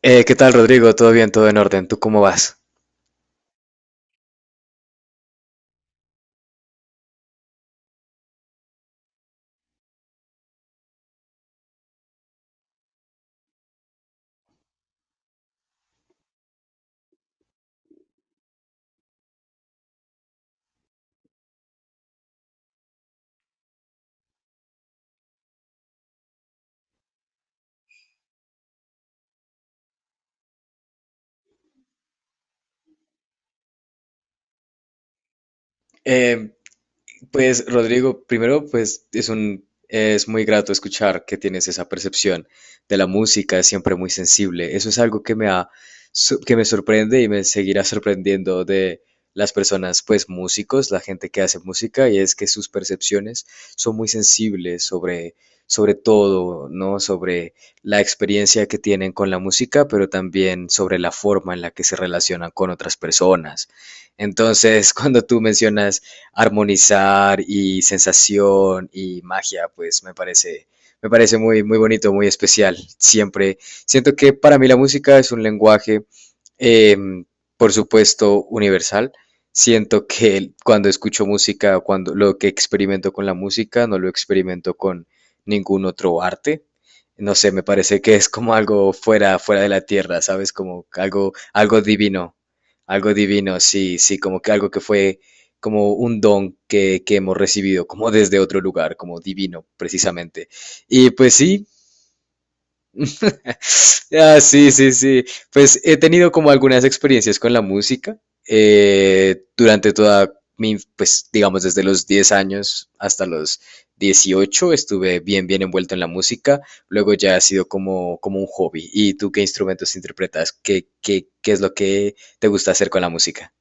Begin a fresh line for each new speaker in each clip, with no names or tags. ¿Qué tal, Rodrigo? ¿Todo bien? ¿Todo en orden? ¿Tú cómo vas? Eh, Pues Rodrigo, primero pues es muy grato escuchar que tienes esa percepción de la música, es siempre muy sensible. Eso es algo que me ha que me sorprende y me seguirá sorprendiendo de las personas, pues músicos, la gente que hace música, y es que sus percepciones son muy sensibles sobre sobre todo, ¿no? Sobre la experiencia que tienen con la música, pero también sobre la forma en la que se relacionan con otras personas. Entonces, cuando tú mencionas armonizar y sensación y magia, pues me parece muy, muy bonito, muy especial. Siempre siento que para mí la música es un lenguaje, em, por supuesto, universal. Siento que cuando escucho música, cuando lo que experimento con la música, no lo experimento con ningún otro arte. No sé, me parece que es como algo fuera de la tierra, ¿sabes? Como algo, algo divino, sí, sí, como que algo que fue como un don que hemos recibido, como desde otro lugar, como divino, precisamente. Y pues sí, ah, sí, sí, sí. Pues he tenido como algunas experiencias con la música, durante toda mi, pues digamos desde los 10 años hasta los 18 estuve bien, bien envuelto en la música. Luego ya ha sido como, como un hobby. ¿Y tú qué instrumentos interpretas? ¿Qué es lo que te gusta hacer con la música?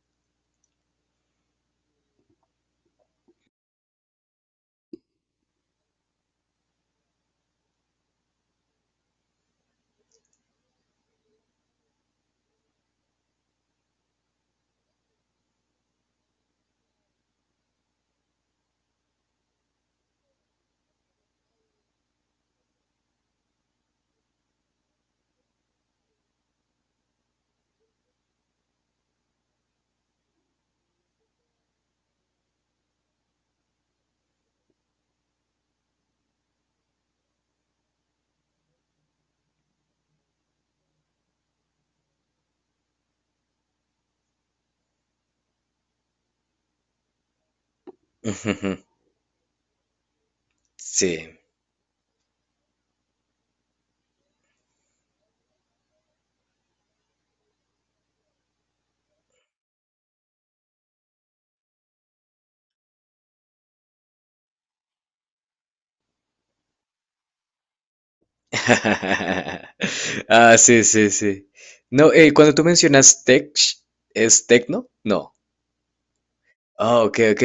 Sí. Ah, sí, sí, sí. No, cuando tú mencionas tech, ¿es tecno? No. Ah, ok, ok.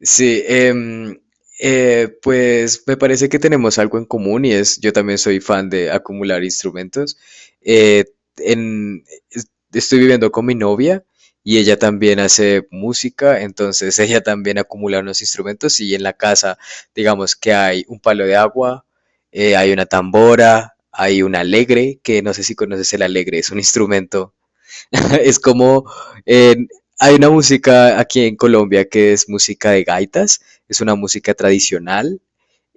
Sí, pues me parece que tenemos algo en común y es, yo también soy fan de acumular instrumentos. Eh, en, es- Estoy viviendo con mi novia y ella también hace música, entonces ella también acumula unos instrumentos y en la casa, digamos que hay un palo de agua, hay una tambora, hay un alegre, que no sé si conoces el alegre, es un instrumento. Es como en- hay una música aquí en Colombia que es música de gaitas, es una música tradicional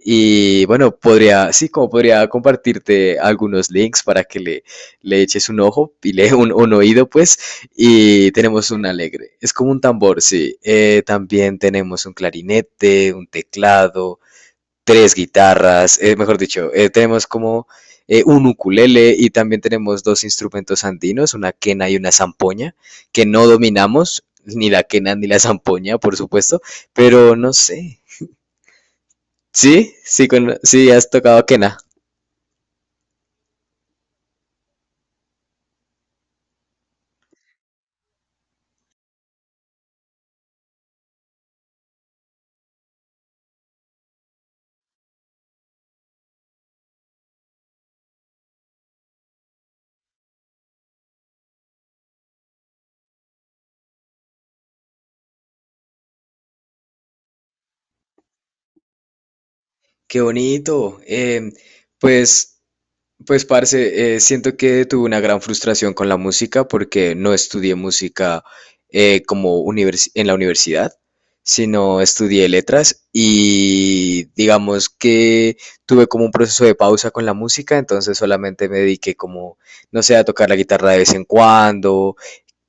y bueno, podría, sí, como podría compartirte algunos links para que le eches un ojo y le un oído pues, y tenemos un alegre, es como un tambor, sí. También tenemos un clarinete, un teclado, tres guitarras, mejor dicho, tenemos como un ukulele, y también tenemos dos instrumentos andinos, una quena y una zampoña, que no dominamos, ni la quena ni la zampoña, por supuesto, pero no sé. Sí, sí, con, sí, has tocado quena. Qué bonito. Pues, Pues, parce, siento que tuve una gran frustración con la música porque no estudié música, en la universidad, sino estudié letras y digamos que tuve como un proceso de pausa con la música, entonces solamente me dediqué como, no sé, a tocar la guitarra de vez en cuando,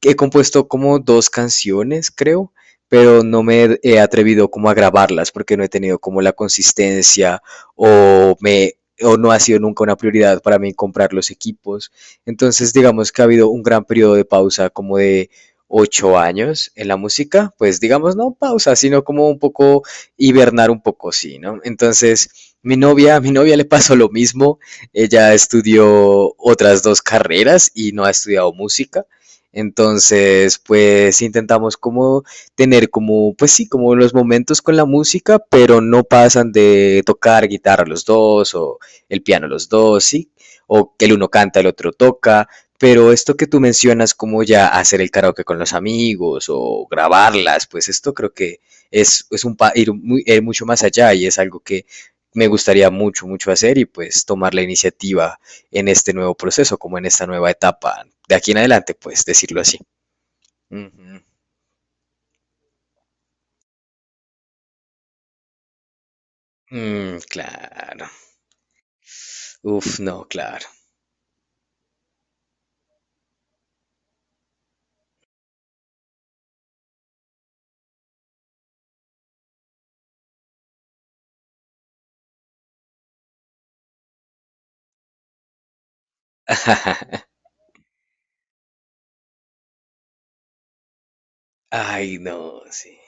he compuesto como dos canciones, creo, pero no me he atrevido como a grabarlas porque no he tenido como la consistencia o me o no ha sido nunca una prioridad para mí comprar los equipos. Entonces, digamos que ha habido un gran periodo de pausa como de 8 años en la música, pues digamos no pausa, sino como un poco hibernar un poco, sí, ¿no? Entonces, a mi novia le pasó lo mismo, ella estudió otras dos carreras y no ha estudiado música, entonces, pues intentamos como tener como, pues sí, como los momentos con la música, pero no pasan de tocar guitarra los dos o el piano los dos, sí, o que el uno canta, el otro toca, pero esto que tú mencionas como ya hacer el karaoke con los amigos o grabarlas, pues esto creo que es un ir mucho más allá, y es algo que me gustaría mucho, mucho hacer, y pues tomar la iniciativa en este nuevo proceso, como en esta nueva etapa. De aquí en adelante, pues decirlo así. Ujú. Mm, claro. Uf, no, claro. Ay, no, sí.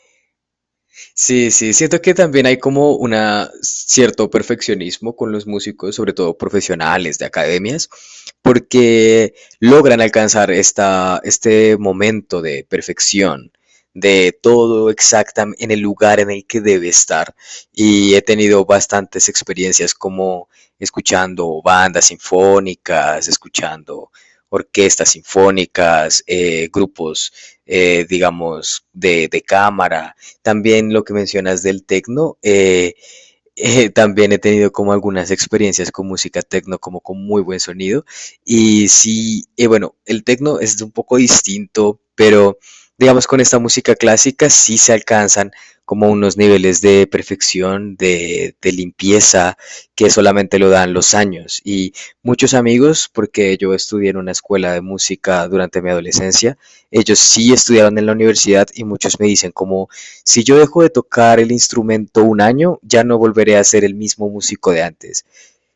Sí, sí, siento que también hay como una cierto perfeccionismo con los músicos, sobre todo profesionales de academias, porque logran alcanzar este momento de perfección, de todo exactamente en el lugar en el que debe estar. Y he tenido bastantes experiencias como escuchando bandas sinfónicas, escuchando orquestas sinfónicas, grupos, digamos, de cámara, también lo que mencionas del tecno, también he tenido como algunas experiencias con música tecno, como con muy buen sonido. Y sí, bueno, el tecno es un poco distinto, pero digamos con esta música clásica sí se alcanzan como unos niveles de perfección, limpieza, que solamente lo dan los años. Y muchos amigos, porque yo estudié en una escuela de música durante mi adolescencia, ellos sí estudiaron en la universidad y muchos me dicen como, si yo dejo de tocar el instrumento un año, ya no volveré a ser el mismo músico de antes.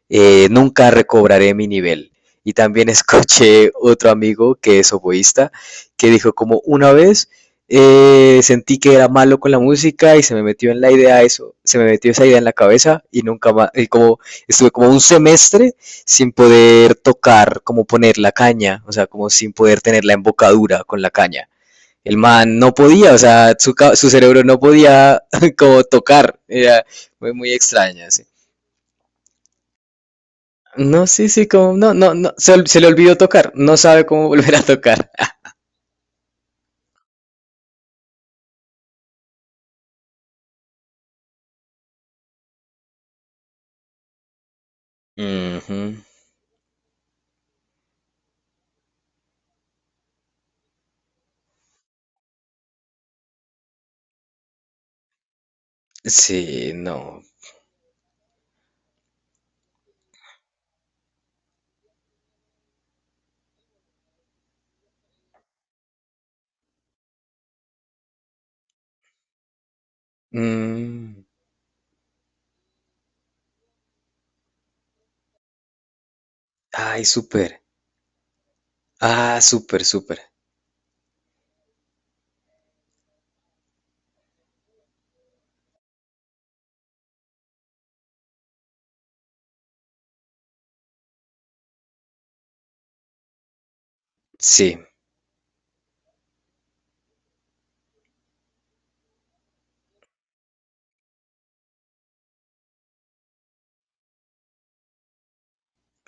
Nunca recobraré mi nivel. Y también escuché otro amigo que es oboísta, que dijo como una vez, sentí que era malo con la música y se me metió en la idea eso, se me metió esa idea en la cabeza y nunca más, y como estuve como un semestre sin poder tocar, como poner la caña, o sea, como sin poder tener la embocadura con la caña, el man no podía, o sea, su cerebro no podía como tocar, era muy, muy extraña, sí. No, sí, sí, como, no, no, no, se le olvidó tocar, no sabe cómo volver a tocar. Uh -huh. Sí, no. Mm. Ay, súper. Ah, súper, súper. Sí,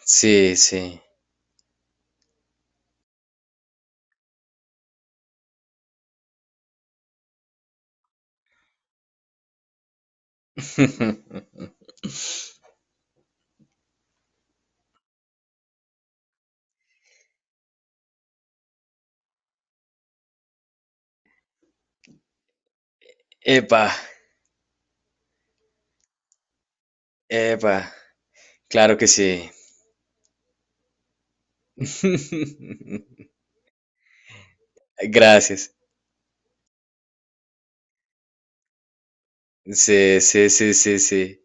sí, sí. Epa, epa, claro que sí. Gracias. Sí, sí, sí, sí, sí.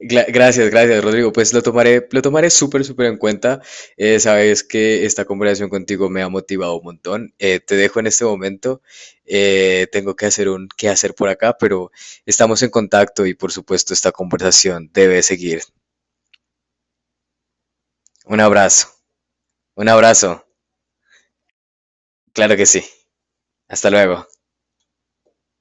Gracias, gracias, Rodrigo. Pues lo tomaré súper, súper en cuenta. Sabes que esta conversación contigo me ha motivado un montón. Te dejo en este momento. Tengo que hacer un qué hacer por acá, pero estamos en contacto, y por supuesto esta conversación debe seguir. Un abrazo, un abrazo. Claro que sí. Hasta luego.